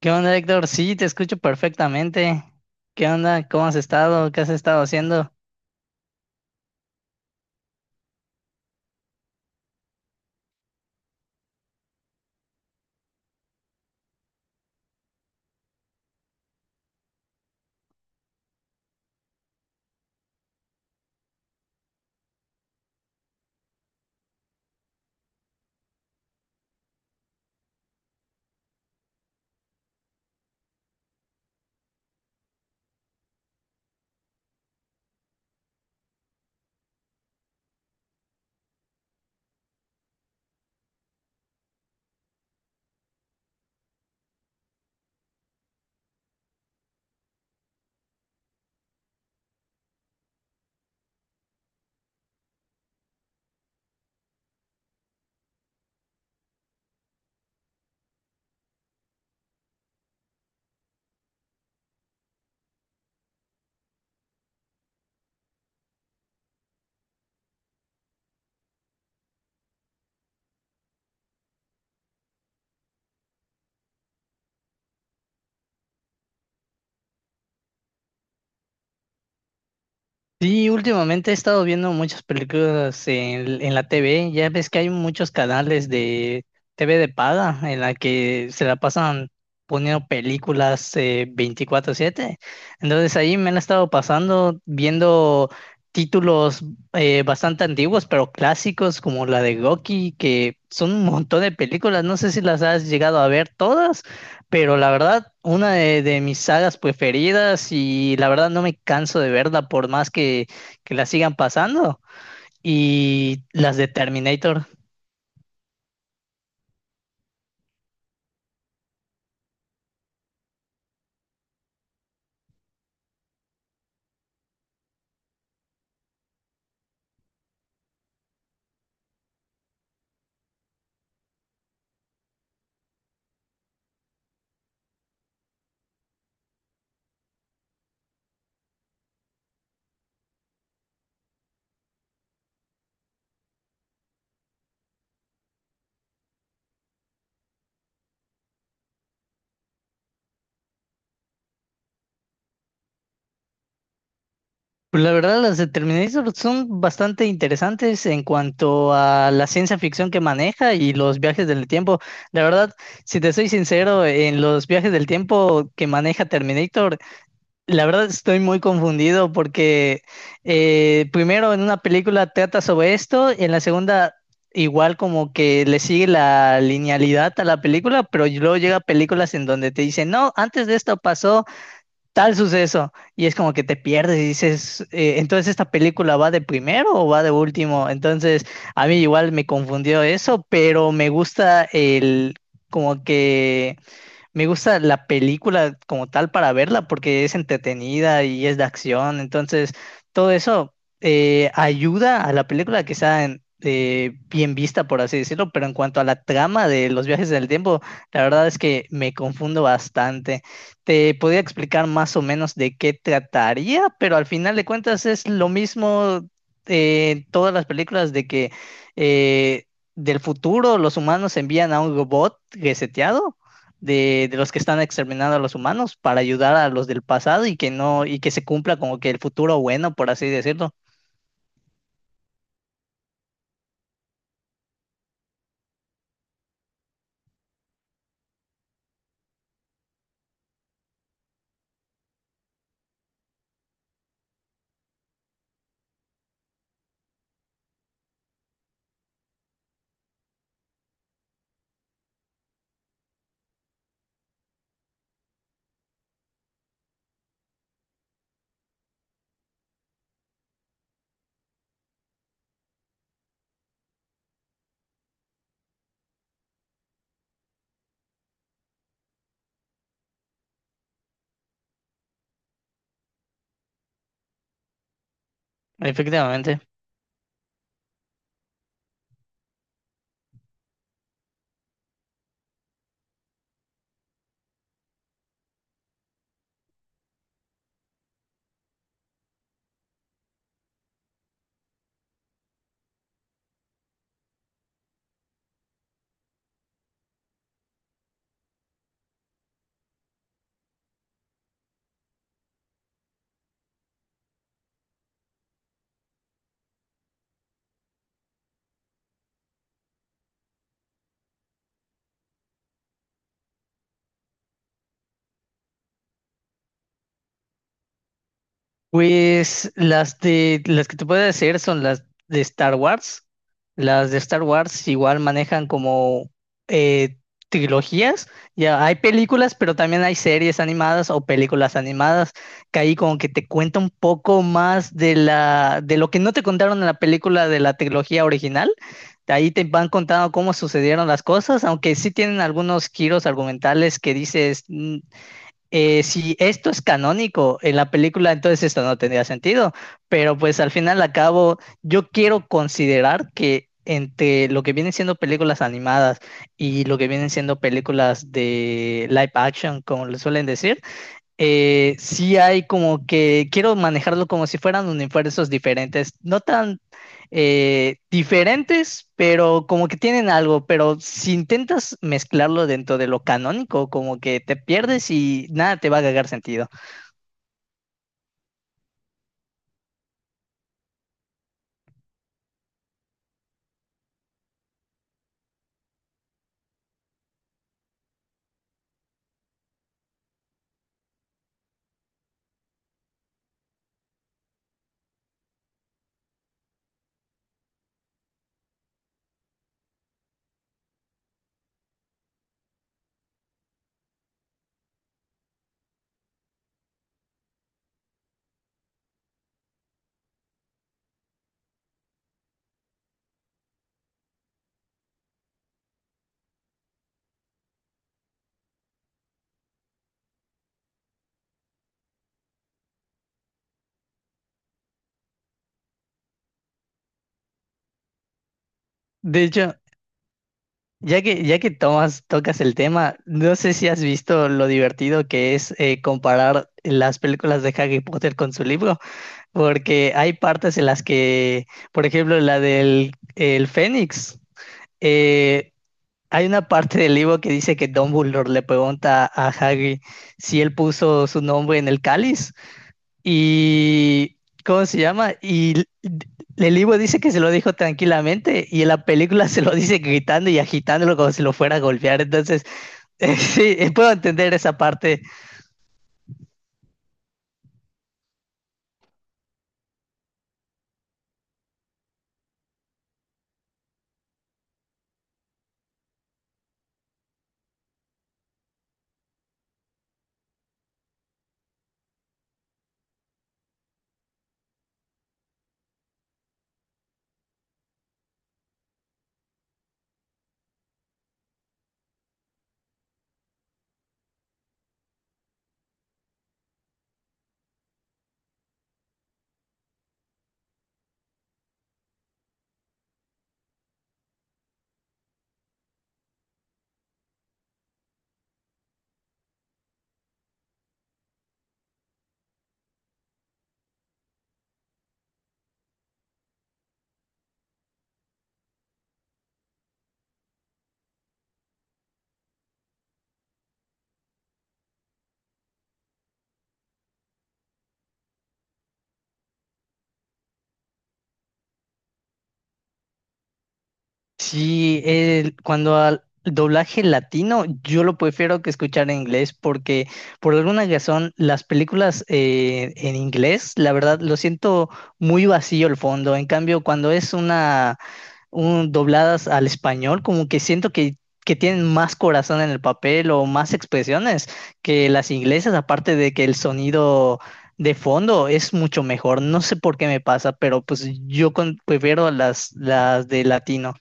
¿Qué onda, Héctor? Sí, te escucho perfectamente. ¿Qué onda? ¿Cómo has estado? ¿Qué has estado haciendo? Sí, últimamente he estado viendo muchas películas en la TV. Ya ves que hay muchos canales de TV de paga en la que se la pasan poniendo películas 24/7. Entonces ahí me la he estado pasando viendo títulos bastante antiguos, pero clásicos como la de Goki, que son un montón de películas. No sé si las has llegado a ver todas. Pero la verdad, una de mis sagas preferidas y la verdad no me canso de verla por más que la sigan pasando. Y las de Terminator. Pues la verdad, las de Terminator son bastante interesantes en cuanto a la ciencia ficción que maneja y los viajes del tiempo. La verdad, si te soy sincero, en los viajes del tiempo que maneja Terminator, la verdad estoy muy confundido porque primero en una película trata sobre esto, y en la segunda igual como que le sigue la linealidad a la película, pero y luego llega películas en donde te dicen, no, antes de esto pasó tal suceso, y es como que te pierdes y dices, Entonces esta película va de primero o va de último", entonces a mí igual me confundió eso, pero me gusta el como que me gusta la película como tal para verla porque es entretenida y es de acción. Entonces, todo eso ayuda a la película que sea bien vista, por así decirlo. Pero en cuanto a la trama de los viajes del tiempo, la verdad es que me confundo bastante. Te podría explicar más o menos de qué trataría, pero al final de cuentas es lo mismo en todas las películas de que... eh, del futuro, los humanos envían a un robot reseteado de los que están exterminando a los humanos para ayudar a los del pasado y que no, y que se cumpla como que el futuro bueno, por así decirlo. Efectivamente. Pues las de las que te puedo decir son las de Star Wars. Las de Star Wars igual manejan como eh, trilogías. Ya hay películas, pero también hay series animadas o películas animadas que ahí como que te cuenta un poco más de la de lo que no te contaron en la película de la trilogía original. De ahí te van contando cómo sucedieron las cosas, aunque sí tienen algunos giros argumentales que dices, "Mm, si esto es canónico en la película, entonces esto no tendría sentido". Pero pues al final al cabo, yo quiero considerar que entre lo que vienen siendo películas animadas y lo que vienen siendo películas de live action, como le suelen decir, sí hay como que quiero manejarlo como si fueran universos diferentes, no tan diferentes, pero como que tienen algo, pero si intentas mezclarlo dentro de lo canónico, como que te pierdes y nada te va a cagar sentido. De hecho, ya que tomas, tocas el tema, no sé si has visto lo divertido que es comparar las películas de Harry Potter con su libro, porque hay partes en las que, por ejemplo, la del el Fénix. Eh, Hay una parte del libro que dice que Dumbledore le pregunta a Hagrid si él puso su nombre en el cáliz y ¿cómo se llama? El libro dice que se lo dijo tranquilamente y en la película se lo dice gritando y agitándolo como si lo fuera a golpear. Entonces, sí, puedo entender esa parte. Sí, cuando al doblaje latino, yo lo prefiero que escuchar en inglés porque por alguna razón las películas en inglés, la verdad, lo siento muy vacío el fondo. En cambio, cuando es una un dobladas al español, como que siento que tienen más corazón en el papel o más expresiones que las inglesas, aparte de que el sonido de fondo es mucho mejor. No sé por qué me pasa, pero pues yo prefiero las de latino.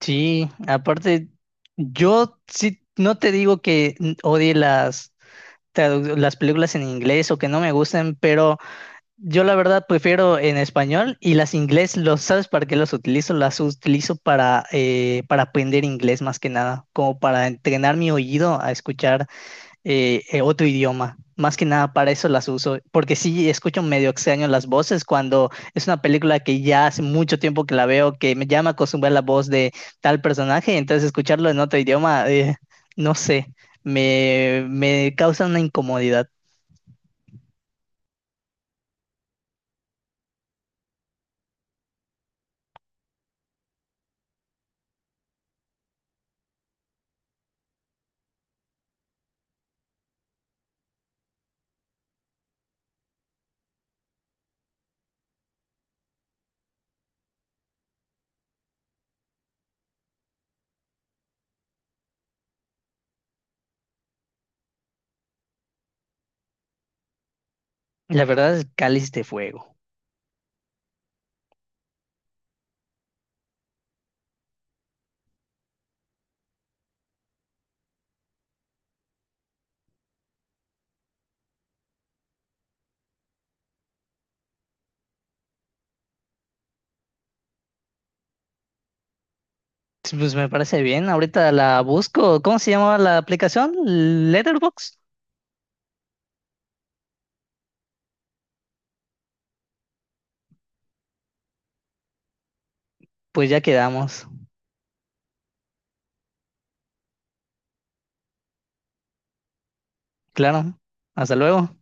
Sí, aparte, yo sí, no te digo que odie las, las películas en inglés o que no me gusten, pero yo la verdad prefiero en español y las inglés, los, ¿sabes para qué los utilizo? Las utilizo para aprender inglés más que nada, como para entrenar mi oído a escuchar otro idioma. Más que nada para eso las uso, porque sí escucho medio extraño las voces cuando es una película que ya hace mucho tiempo que la veo, que me llama a acostumbrar la voz de tal personaje, entonces escucharlo en otro idioma, no sé, me causa una incomodidad. La verdad es Cáliz de Fuego. Sí, pues me parece bien, ahorita la busco. ¿Cómo se llamaba la aplicación? Letterbox. Pues ya quedamos. Claro, hasta luego.